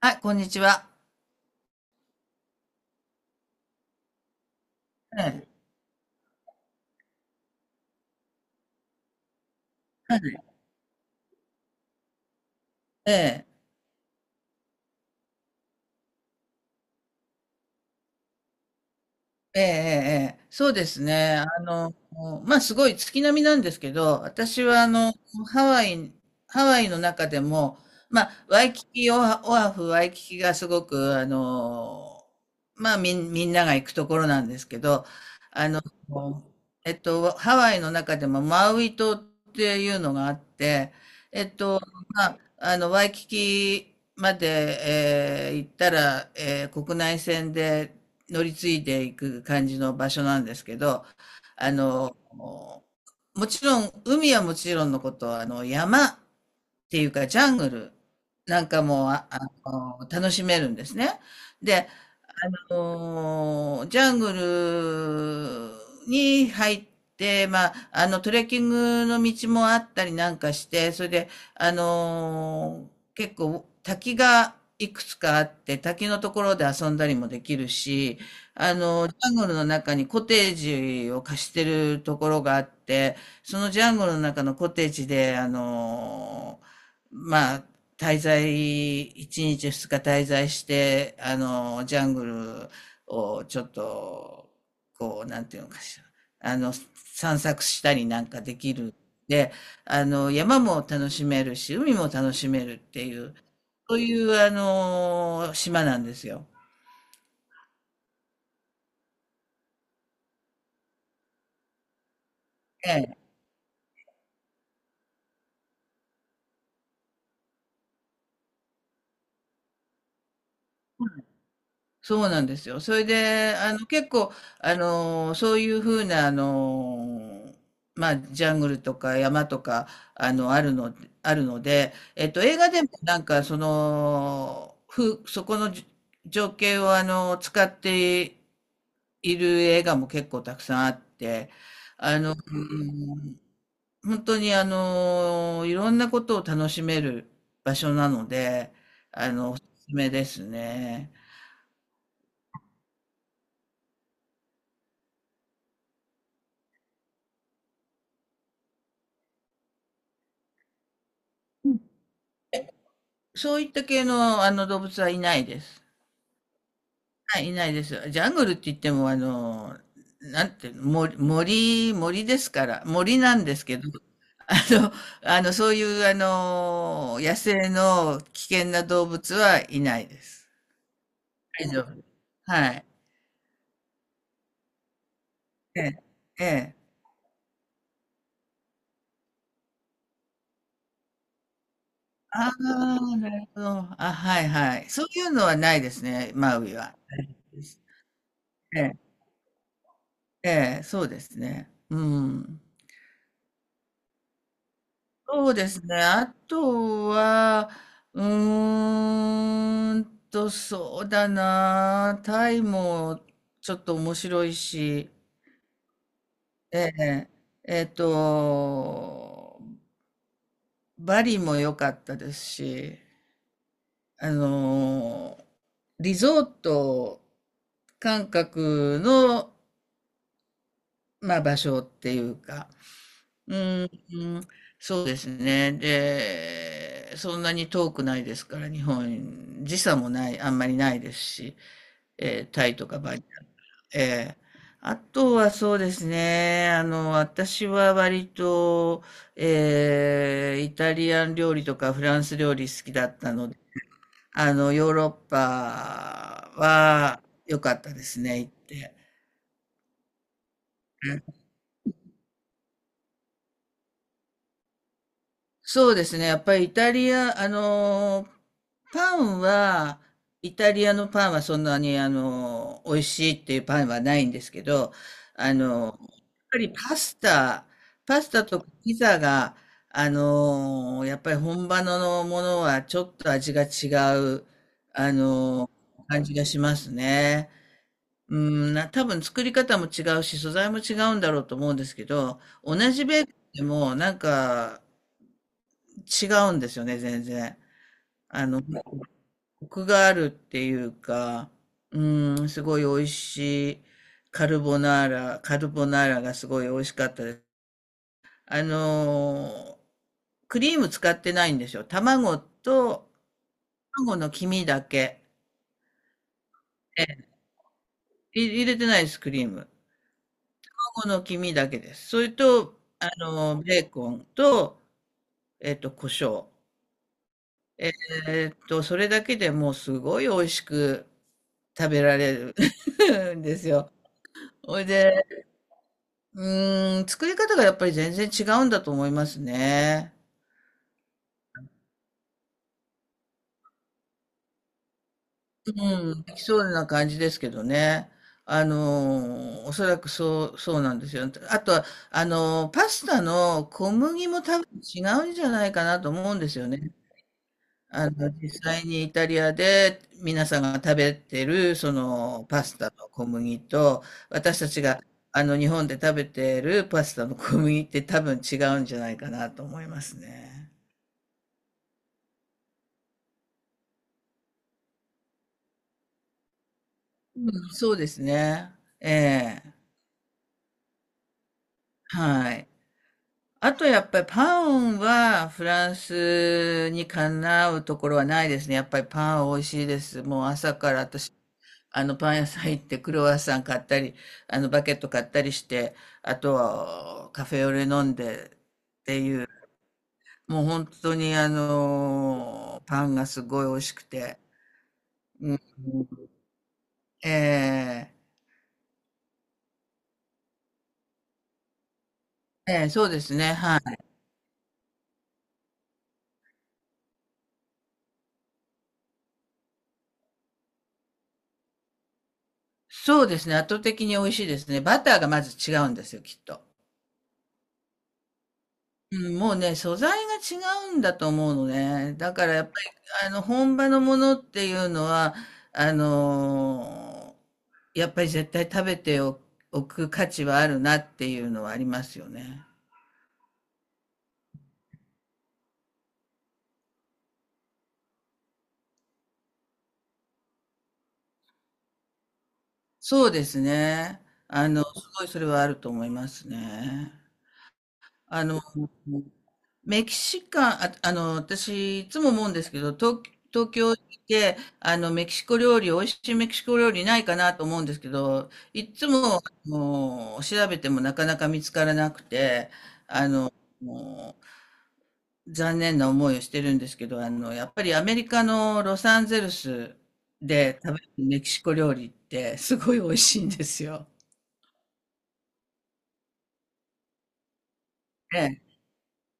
はい、こんにちは。ええ、はいええ。ええええええ。そうですね。すごい月並みなんですけど、私はハワイハワイの中でも、ワイキキ、オアフ、ワイキキがすごくみんなが行くところなんですけど、あの、ハワイの中でもマウイ島っていうのがあって、えっと、ワイキキまで、行ったら、国内線で乗り継いでいく感じの場所なんですけど、あの、もちろん、海はもちろんのこと、山っていうかジャングルなんかも、楽しめるんですね。で、あジャングルに入って、トレッキングの道もあったりなんかして、それで、結構滝がいくつかあって、滝のところで遊んだりもできるし、ジャングルの中にコテージを貸してるところがあって、そのジャングルの中のコテージで、まあ、一日二日滞在して、ジャングルをちょっと、なんていうのかしら、あの、散策したりなんかできる。で、山も楽しめるし、海も楽しめるっていう、そういう、島なんですよ。ええ、そうなんですよ。それで、結構、そういうふうな、ジャングルとか山とか、あの、あるの、あるので、映画でもなんか、そこの情景を、使っている映画も結構たくさんあって、あの、うん本当に、いろんなことを楽しめる場所なので、おすすめですね。そういった系の、動物はいないです。はい、いないです。ジャングルって言っても、なんていうの、森、森、森ですから、森なんですけど、あの、そういう、野生の危険な動物はいないです。大丈夫。はい。ええ、ええ。ああ、なるほど。あ、はいはい。そういうのはないですね、マウイは。ええ、ええ、そうですね。うん。そうですね。あとは、うーんそうだな。タイもちょっと面白いし、ええ、えっと、バリも良かったですし、あの、リゾート感覚の、場所っていうか、うーうん、そうですね。で、そんなに遠くないですから、日本、時差もない、あんまりないですし、タイとかバリ。ええ、あとはそうですね、私は割と、イタリアン料理とかフランス料理好きだったので、ヨーロッパは良かったですね、行って。そうですね。やっぱりイタリア、パンは、イタリアのパンはそんなに、美味しいっていうパンはないんですけど、やっぱりパスタとピザが、やっぱり本場のものはちょっと味が違う、あのー感じがしますね。うん、多分作り方も違うし、素材も違うんだろうと思うんですけど、同じベーコンでも、なんか、違うんですよね、全然。コクがあるっていうか、うん、すごい美味しいカルボナーラ、カルボナーラがすごい美味しかったです。あのークリーム使ってないんですよ。卵の黄身だけ。え入れてないです、クリーム。卵の黄身だけです。それと、ベーコンと、胡椒。えそれだけでもうすごい美味しく食べられる んですよ。ほいで、う作り方がやっぱり全然違うんだと思いますね。うん、できそうな感じですけどね。おそらくそうなんですよ。あとは、パスタの小麦も多分違うんじゃないかなと思うんですよね。実際にイタリアで皆さんが食べてる、パスタの小麦と、私たちが、日本で食べてるパスタの小麦って多分違うんじゃないかなと思いますね。うん、そうですね。ええ。はい。あとやっぱりパンはフランスにかなうところはないですね。やっぱりパン美味しいです。もう朝から私パン屋さん行ってクロワッサン買ったり、バケット買ったりして、あとはカフェオレ飲んで、もう本当にパンがすごい美味しくて。ええ、ええ、そうですね。はい。そうですね。圧倒的に美味しいですね。バターがまず違うんですよ、きっと。うん、もうね、素材が違うんだと思うのね。だからやっぱり、本場のものっていうのは、あのやっぱり絶対食べておく価値はあるなっていうのはありますよね。そうですね。すごいそれはあると思いますね。あの、メキシカン、私、いつも思うんですけど、東京にいて、メキシコ料理、美味しいメキシコ料理ないかなと思うんですけど、いつも、調べてもなかなか見つからなくて、あの、もう残念な思いをしてるんですけど、やっぱりアメリカのロサンゼルスで食べるメキシコ料理ってすごい美味しいんですよ。え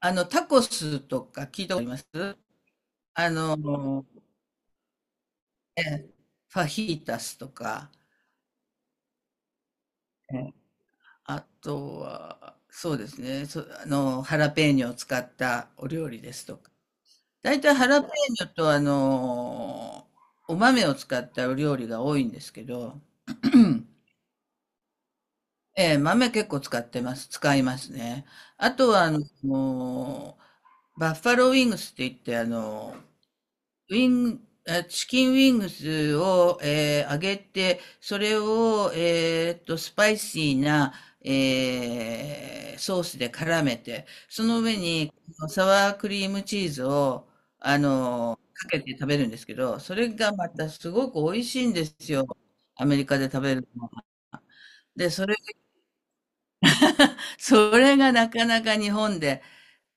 タコスとか聞いたことあります？あの、ええ、ファヒータスとか、ええ。あとは、そうですね、ハラペーニョを使ったお料理ですとか。大体ハラペーニョとお豆を使ったお料理が多いんですけど、うん、ええ、豆結構使ってます。使いますね。あとは、もうバッファローウィングスって言って、ウィン、チキンウィングスを、揚げて、それを、スパイシーな、ソースで絡めて、その上にサワークリームチーズを、かけて食べるんですけど、それがまたすごく美味しいんですよ。アメリカで食べるのは。で、それがなかなか日本で、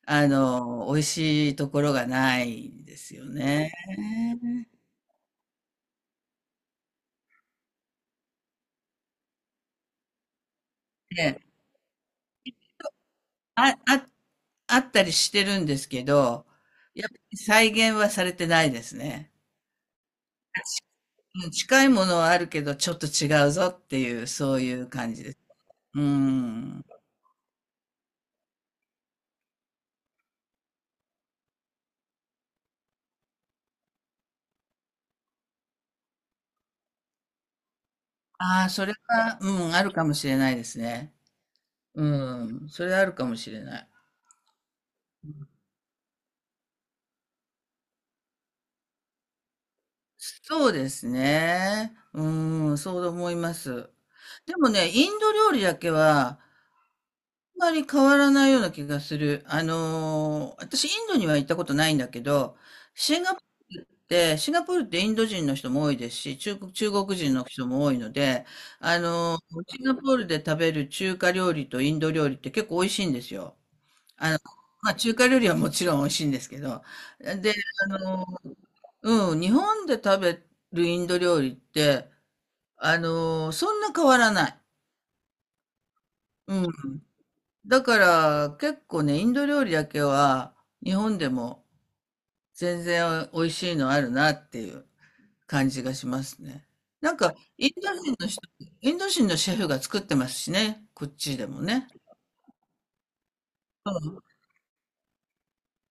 美味しいところがないんですよね。あ、あ、あったりしてるんですけど、やっぱり再現はされてないですね。うん、近いものはあるけど、ちょっと違うぞっていう、そういう感じです。うん。ああ、それは、うん、あるかもしれないですね。うん、それあるかもしれない。そうですね。うん、そう思います。でもね、インド料理だけは、あんまり変わらないような気がする。私インドには行ったことないんだけど、シンガポーシンガポールってインド人の人も多いですし、中国人の人も多いので、あの、シンガポールで食べる中華料理とインド料理って結構美味しいんですよ。あの、中華料理はもちろん美味しいんですけど、で、あの、うん、日本で食べるインド料理って、そんな変わらない。うん、だから結構ね、インド料理だけは日本でも全然美味しいのあるなっていう感じがしますね。なんかインド人のシェフが作ってますしね、こっちでもね。うん、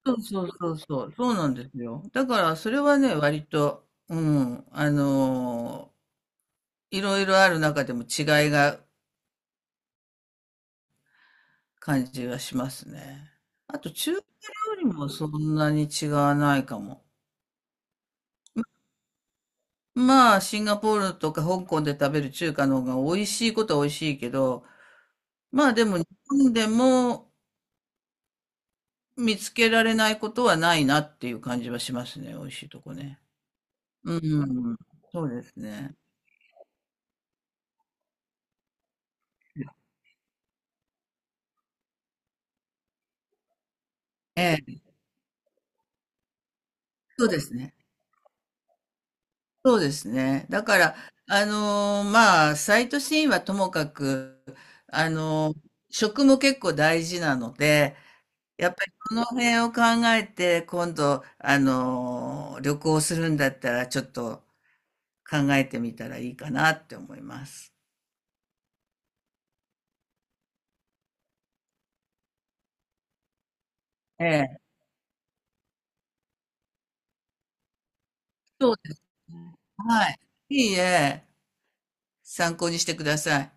そうそうそうそう、そうなんですよ。だからそれはね、割と、うん、いろいろある中でも違いが感じがしますね。あと中華料理もそんなに違わないかも。まあ、シンガポールとか香港で食べる中華の方が美味しいことは美味しいけど、まあでも日本でも見つけられないことはないなっていう感じはしますね。美味しいとこね。うん。そうですね。ええ、そうですね。そうですね。だから、サイトシーンはともかく、食も結構大事なので、やっぱりその辺を考えて、今度、旅行するんだったら、ちょっと、考えてみたらいいかなって思います。ええ、そうですね。はい。いいえ、参考にしてください。